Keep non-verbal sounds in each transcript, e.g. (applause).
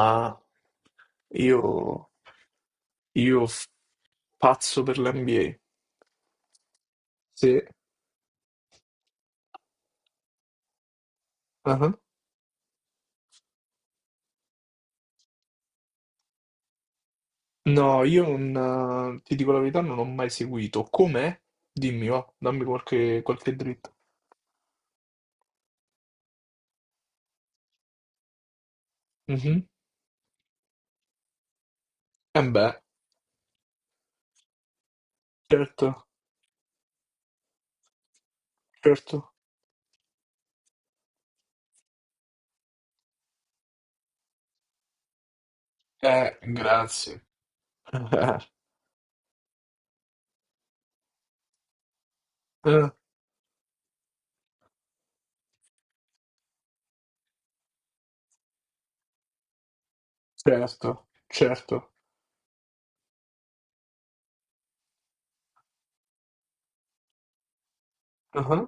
Ah, io, io pazzo per l'NBA. Sì. Ah. No, io non, ti dico la verità, non ho mai seguito. Com'è? Dimmi, va, dammi qualche dritta. Mhm. Eh beh, certo, certo. Grazie. (laughs) Eh, eh, certo, certo. Ah,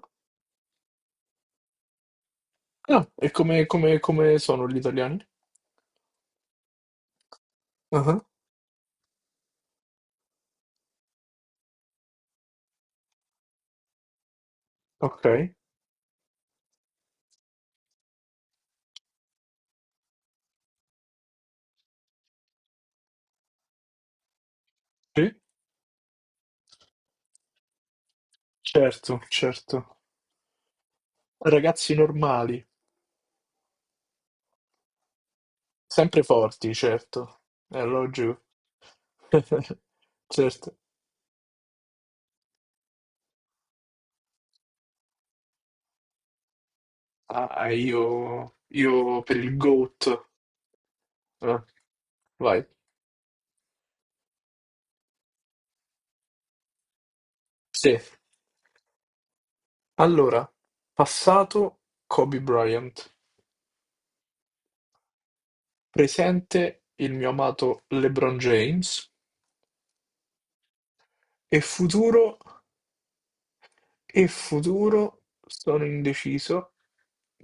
ah, e come sono gli italiani? Ah, Ok, sì, certo, certo. Ragazzi normali. Sempre forti, certo. Ero giù. (laughs) Certo. Ah, io per il GOAT. Eh, vai. Sì. Allora, passato Kobe Bryant, presente il mio amato LeBron James e futuro, e futuro sono indeciso.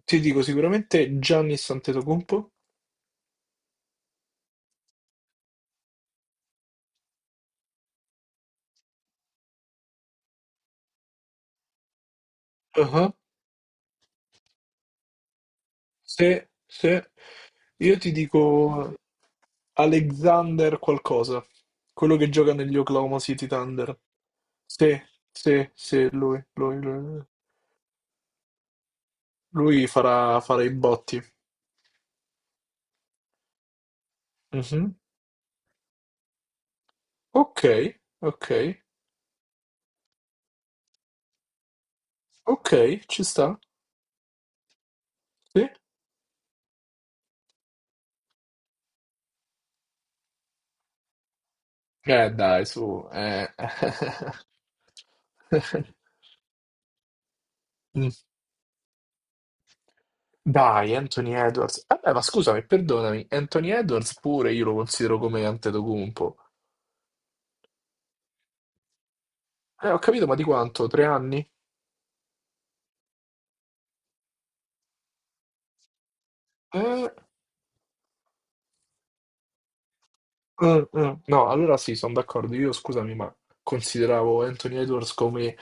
Ti dico sicuramente Giannis Antetokounmpo. Se, io ti dico Alexander qualcosa, quello che gioca negli Oklahoma City Thunder. Sì, sì, sì, lui farà i botti. Mhm. Ok, ok, ok, ci sta. Sì. Dai, su. Eh. (laughs) Mm. Dai, Anthony Edwards. Vabbè, ma scusami, perdonami, Anthony Edwards pure io lo considero come Antetokounmpo. Ho capito, ma di quanto? 3 anni? Eh, mm, mm. No, allora sì, sono d'accordo. Io, scusami, ma consideravo Anthony Edwards come,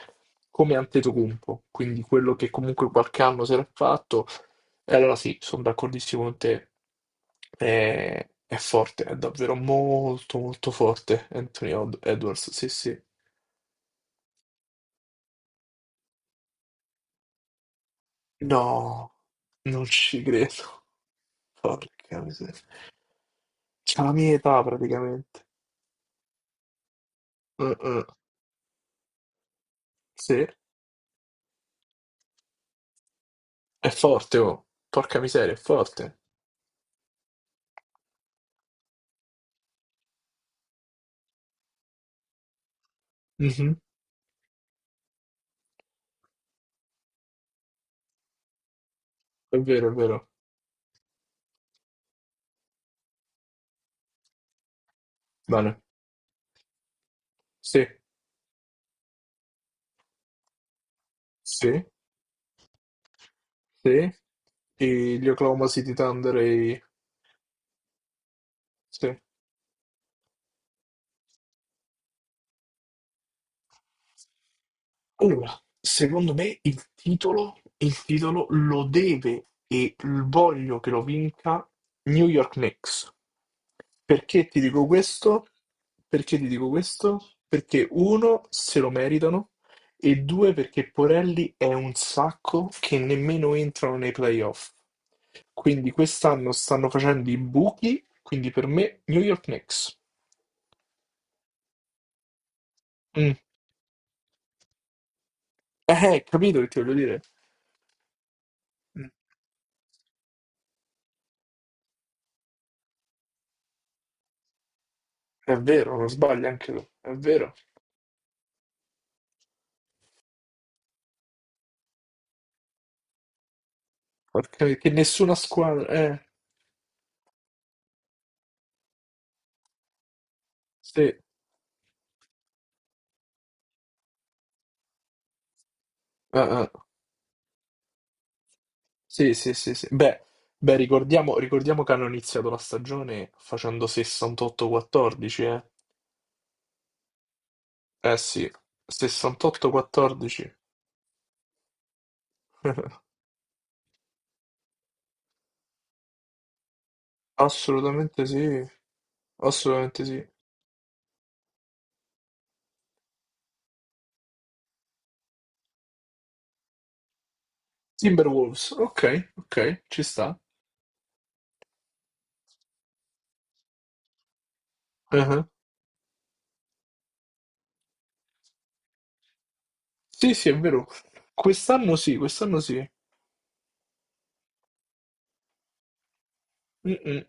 come Antetokounmpo, quindi quello che comunque qualche anno si era fatto. E allora sì, sono d'accordissimo con te. È forte, è davvero molto, molto forte Anthony Edwards. Sì, sì. No, non ci credo. Porca miseria. C'ha la mia età praticamente. Mm, mm. Sì. È forte, oh. Porca miseria, è forte. Mhm. È vero, è vero. Bene. Sì, sì, sì. E gli Oklahoma City Thunder. Sì. Allora, secondo me il titolo lo deve e l- voglio che lo vinca New York Knicks. Perché ti dico questo? Perché ti dico questo? Perché uno, se lo meritano, e due, perché Porelli è un sacco che nemmeno entrano nei playoff. Quindi quest'anno stanno facendo i buchi, quindi per me New York Knicks. Mm. Capito che ti voglio dire? Mm. È vero, non sbagli anche tu, è vero. Che nessuna squadra. Sì. Ah, ah. Sì, sì, sì, sì. Beh, ricordiamo che hanno iniziato la stagione facendo 68-14, eh. Eh sì, 68-14. (laughs) Assolutamente sì, assolutamente sì. Timberwolves, ok, ok, ci sta. Ah. Sì, sì, è vero. Quest'anno sì, quest'anno sì. Mm, mm.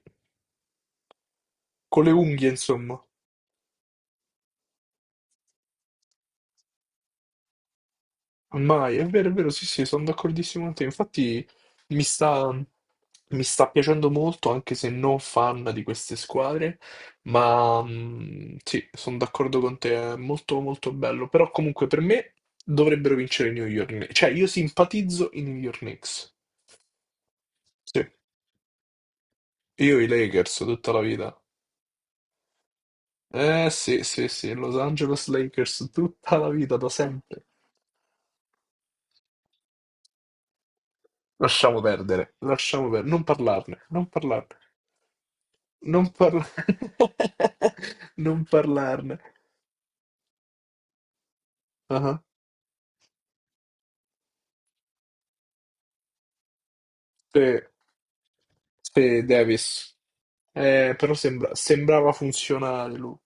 Con le unghie, insomma. Mai, è vero, sì, sì, sono d'accordissimo con te. Infatti mi sta, mi sta piacendo molto, anche se non fan di queste squadre, ma sì, sono d'accordo con te, è molto molto bello. Però comunque per me dovrebbero vincere i New York Knicks. Cioè, io simpatizzo i New York Knicks. Sì, io i Lakers tutta la vita. Eh sì, sì, sì, Los Angeles Lakers tutta la vita, da sempre. Lasciamo perdere, non parlarne, non parlarne. Non parla- (laughs) Non parlarne. Ah, Sì, sì, Davis. Però sembrava funzionare lui.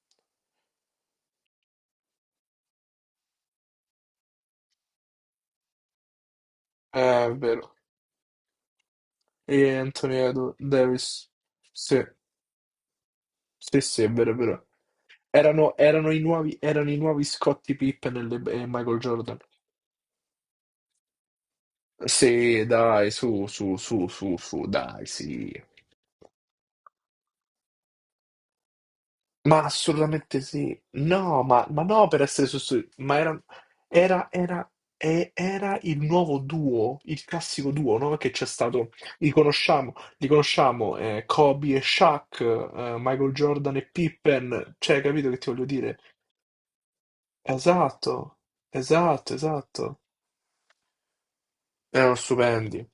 È vero. E Anthony Davis. Sì, sì, sì, è vero, è vero. Erano i nuovi Scottie Pippen e Michael Jordan. Sì, dai, su, su, su, su, su, dai, sì. Ma assolutamente sì. No, ma no per essere sostituiti, ma era, era, era il nuovo duo, il classico duo, no? Che c'è stato, li conosciamo Kobe e Shaq, Michael Jordan e Pippen, cioè, capito che ti voglio dire? Esatto, esatto, esatto. Erano stupendi.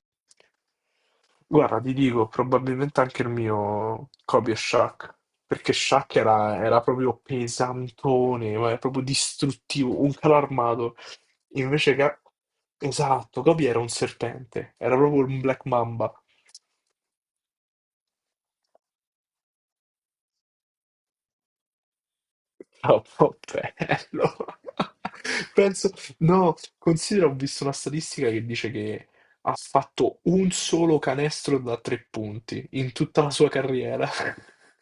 Guarda, ti dico, probabilmente anche il mio Kobe e Shaq, perché Shaq era proprio pesantone, ma era proprio distruttivo, un calo armato. Invece che. Esatto, Kobe era un serpente, era proprio un Black Mamba. Troppo bello. (laughs) Penso. No, considera, ho visto una statistica che dice che ha fatto un solo canestro da tre punti in tutta la sua carriera. (laughs)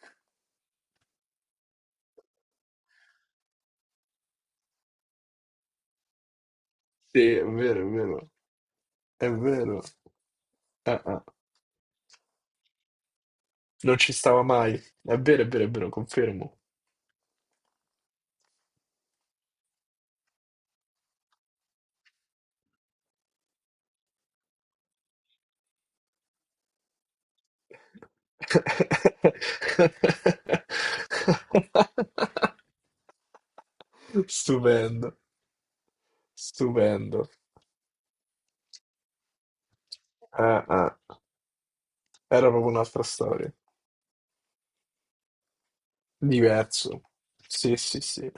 Sì, è vero, è vero. È vero. Ah, ah. Non ci stava mai. È vero, è vero, è vero, confermo. (laughs) Stupendo, stupendo. Ah, ah. Era proprio un'altra storia. Diverso. Sì, sì, sì.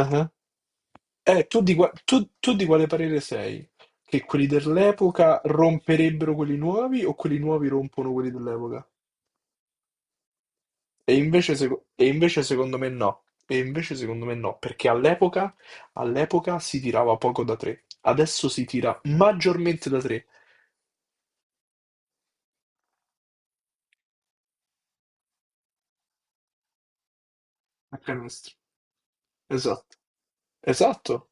Ah, ah. Tu di quale parere sei? Che quelli dell'epoca romperebbero quelli nuovi o quelli nuovi rompono quelli dell'epoca? E invece secondo me no, e invece secondo me no, perché all'epoca si tirava poco da tre, adesso si tira maggiormente da tre a canestro. Esatto, esatto.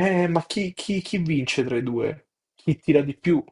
Ma chi vince tra i due? Chi tira di più?